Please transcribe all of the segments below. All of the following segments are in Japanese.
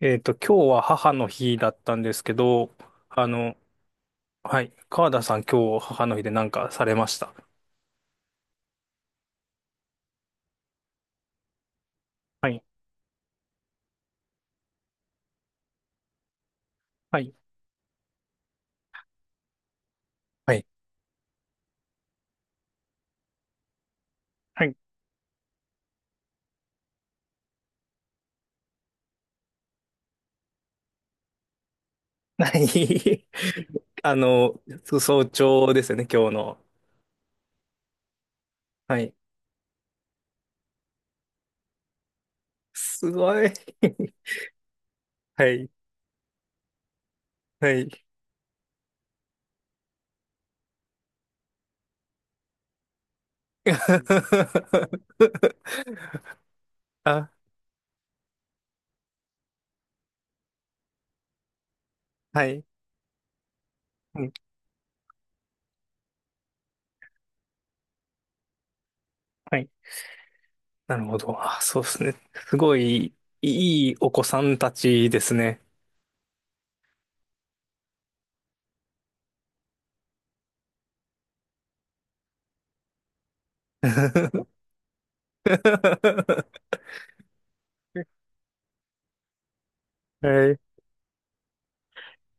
今日は母の日だったんですけど、あの、はい、川田さん今日母の日で何かされました？はい、はい、はい。はい。はい。あの、そう早朝ですよね、今日の。はい。すごい。はい、はい。あ、はい。うん、はい。なるほど。あ、そうですね。すごい、いいお子さんたちですね。はい。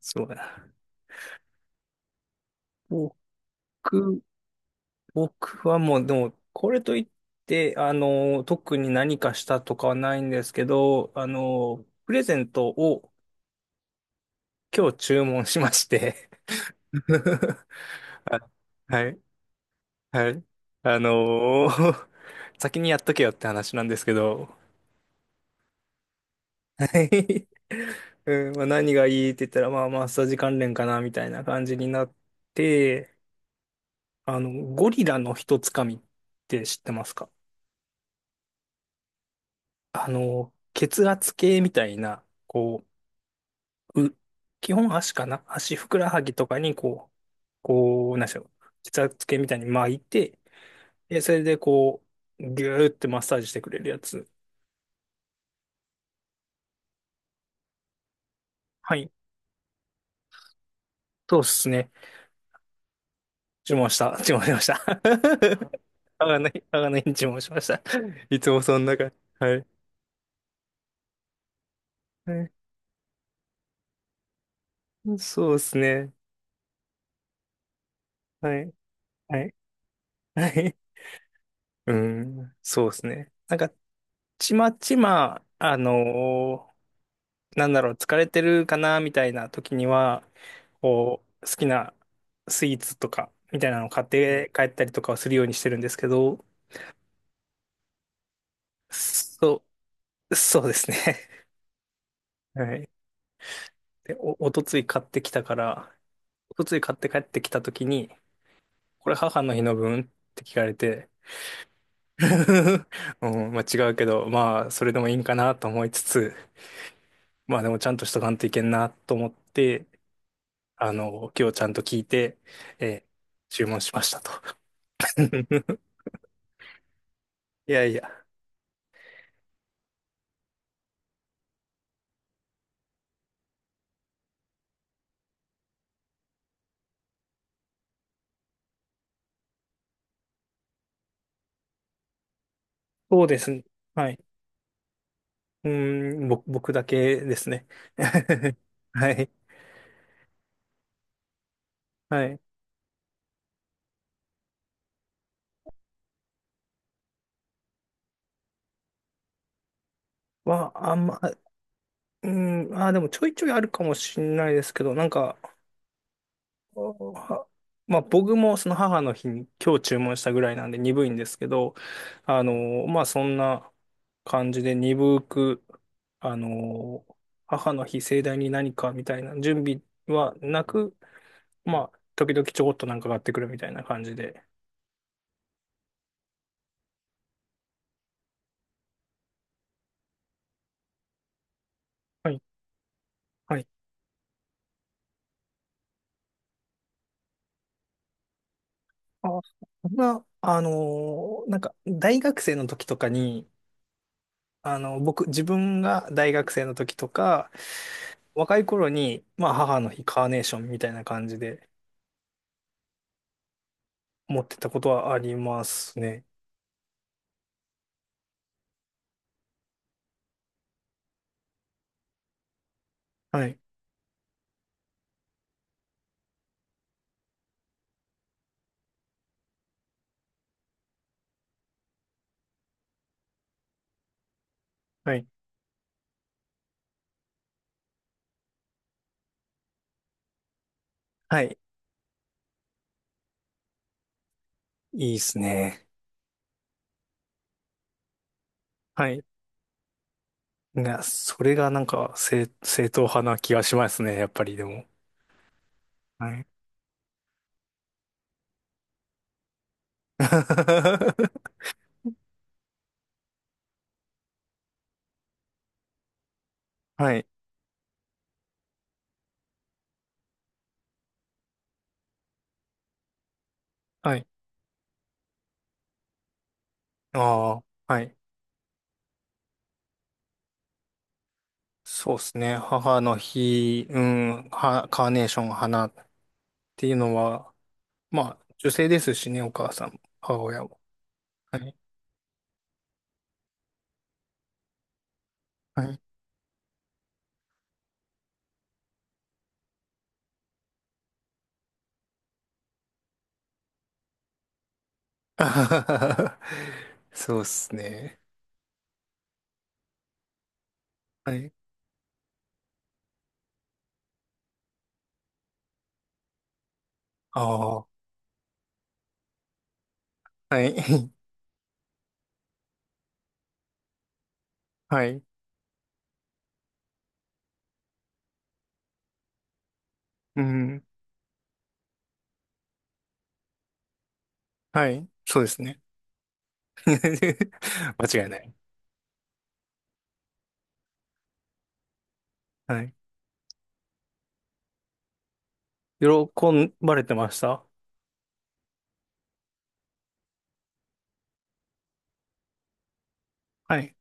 そうだ。僕、僕はもう、でも、これといって、あの、特に何かしたとかはないんですけど、あの、プレゼントを今日注文しまして。 あ、はい、はい。あの、 先にやっとけよって話なんですけど、うん、まあ、何がいいって言ったら、まあ、マッサージ関連かな、みたいな感じになって、あの、ゴリラの一つかみって知ってますか？あの、血圧計みたいな、こう、う、基本足かな、足ふくらはぎとかにこう、こう、なんでしょう。血圧計みたいに巻いて、で、それでこう、ぎゅーってマッサージしてくれるやつ。はい。そうですね。注文した。注文しました。あがない、あがないに注文しました。いつもそんな感じ。はい。はい、そうですね。はい。はい。はい。うん。そうですね。なんか、ちまちま、ーなんだろう、疲れてるかなみたいな時には、こう、好きなスイーツとか、みたいなのを買って帰ったりとかをするようにしてるんですけど、そう、そうですね。はい。で、お、おとつい買ってきたから、おとつい買って帰ってきた時に、これ母の日の分って聞かれて、うん、まあ違うけど、まあそれでもいいんかなと思いつつ、まあでもちゃんとしとかんといけんなと思って、あの、今日ちゃんと聞いて、えー注文しましたと。いやいや、そうですね。はい。うーん、ぼ、僕だけですね。はい。はい。は、あんま、うーん、あー、でもちょいちょいあるかもしれないですけど、なんか、は、まあ僕もその母の日に今日注文したぐらいなんで鈍いんですけど、あの、まあそんな感じで鈍く、あの、母の日盛大に何かみたいな準備はなく、まあ時々ちょこっとなんか買ってくるみたいな感じで。はい。あ、そんな、なんか、大学生の時とかに、あの、僕、自分が大学生の時とか、若い頃に、まあ、母の日、カーネーションみたいな感じで思ってたことはありますね。はい。はい。はい。いいですね。はい。が、それがなんか、正、正統派な気がしますね、やっぱりでも。はい。はい。はい。ああ、はい。そうですね。母の日、うん、は、カーネーション、花ていうのは、まあ、女性ですしね、お母さんも、母親も。はい。はい。あはははそうっすね。はい。ああ。はい。はい。うん。はい。そうですね。間違いない。はい。喜ばれてました？はい。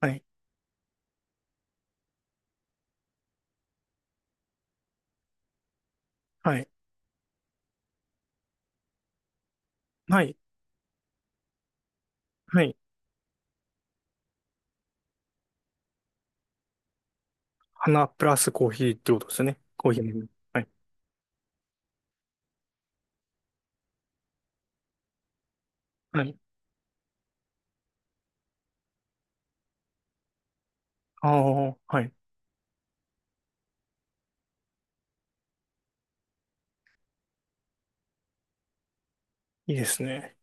はい。はい。はい。はい。花プラスコーヒーってことですね。コーヒー。はい。はい。ああ、はい。いいですね。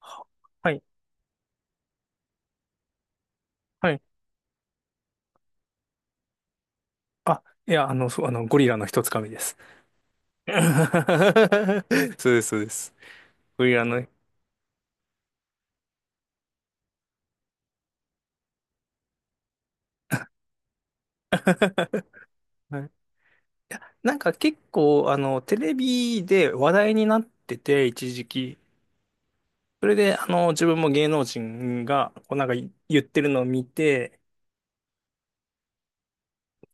は、はい。はい。あ、いや、あの、そう、あの、ゴリラの一つかみです。そうです、そうです。こういうあの、はい、いや、なんか結構、あの、テレビで話題になってて、一時期。それで、あの、自分も芸能人が、こうなんか言ってるのを見て、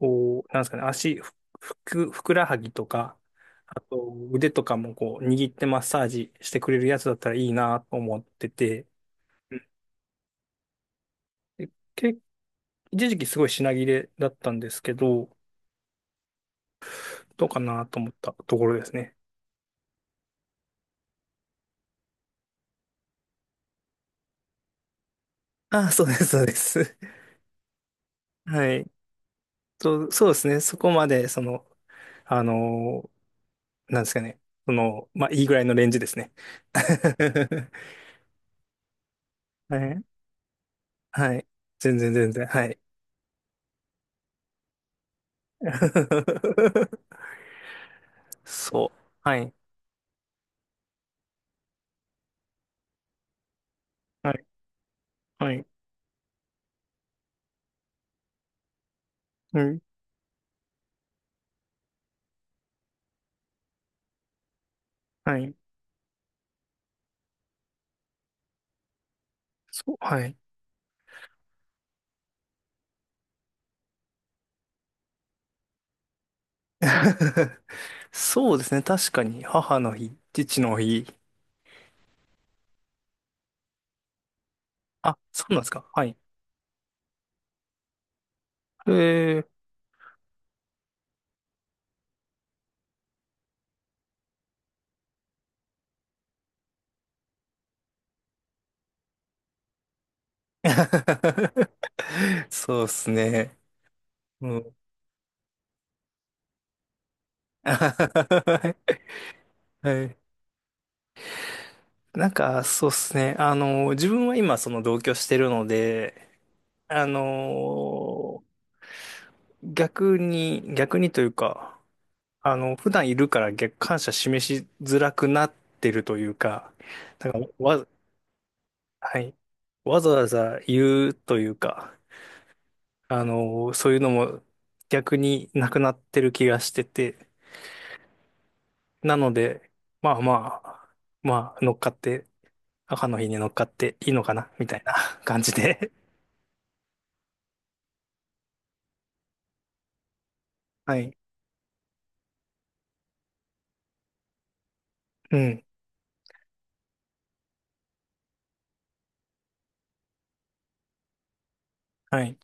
こう、なんですかね、足、ふ、ふく、ふくらはぎとか、あと腕とかもこう、握ってマッサージしてくれるやつだったらいいなと思ってて、うん、で、け、一時期すごい品切れだったんですけど、どうかなと思ったところですね。あ、そうです、そうです。はい。と、そうですね。そこまで、その、あのーなんですかね。その、まあ、いいぐらいのレンジですね。はい。はい。全然、全然。はい。そう。はい。はい。はい。うん。はい。そう。はい。そうですね。確かに、母の日、父の日。あ、そうなんですか。はい。えー。そうですね。うん。はい。なんか、そうですね。あの、自分は今、その同居してるので、あの、逆に、逆にというか、あの、普段いるから逆、感謝示しづらくなってるというか、なんか、わ、はい。わざわざ言うというか、あの、そういうのも逆になくなってる気がしてて、なので、まあまあ、まあ、乗っかって、母の日に乗っかっていいのかな、みたいな感じで。はい。うん。はい。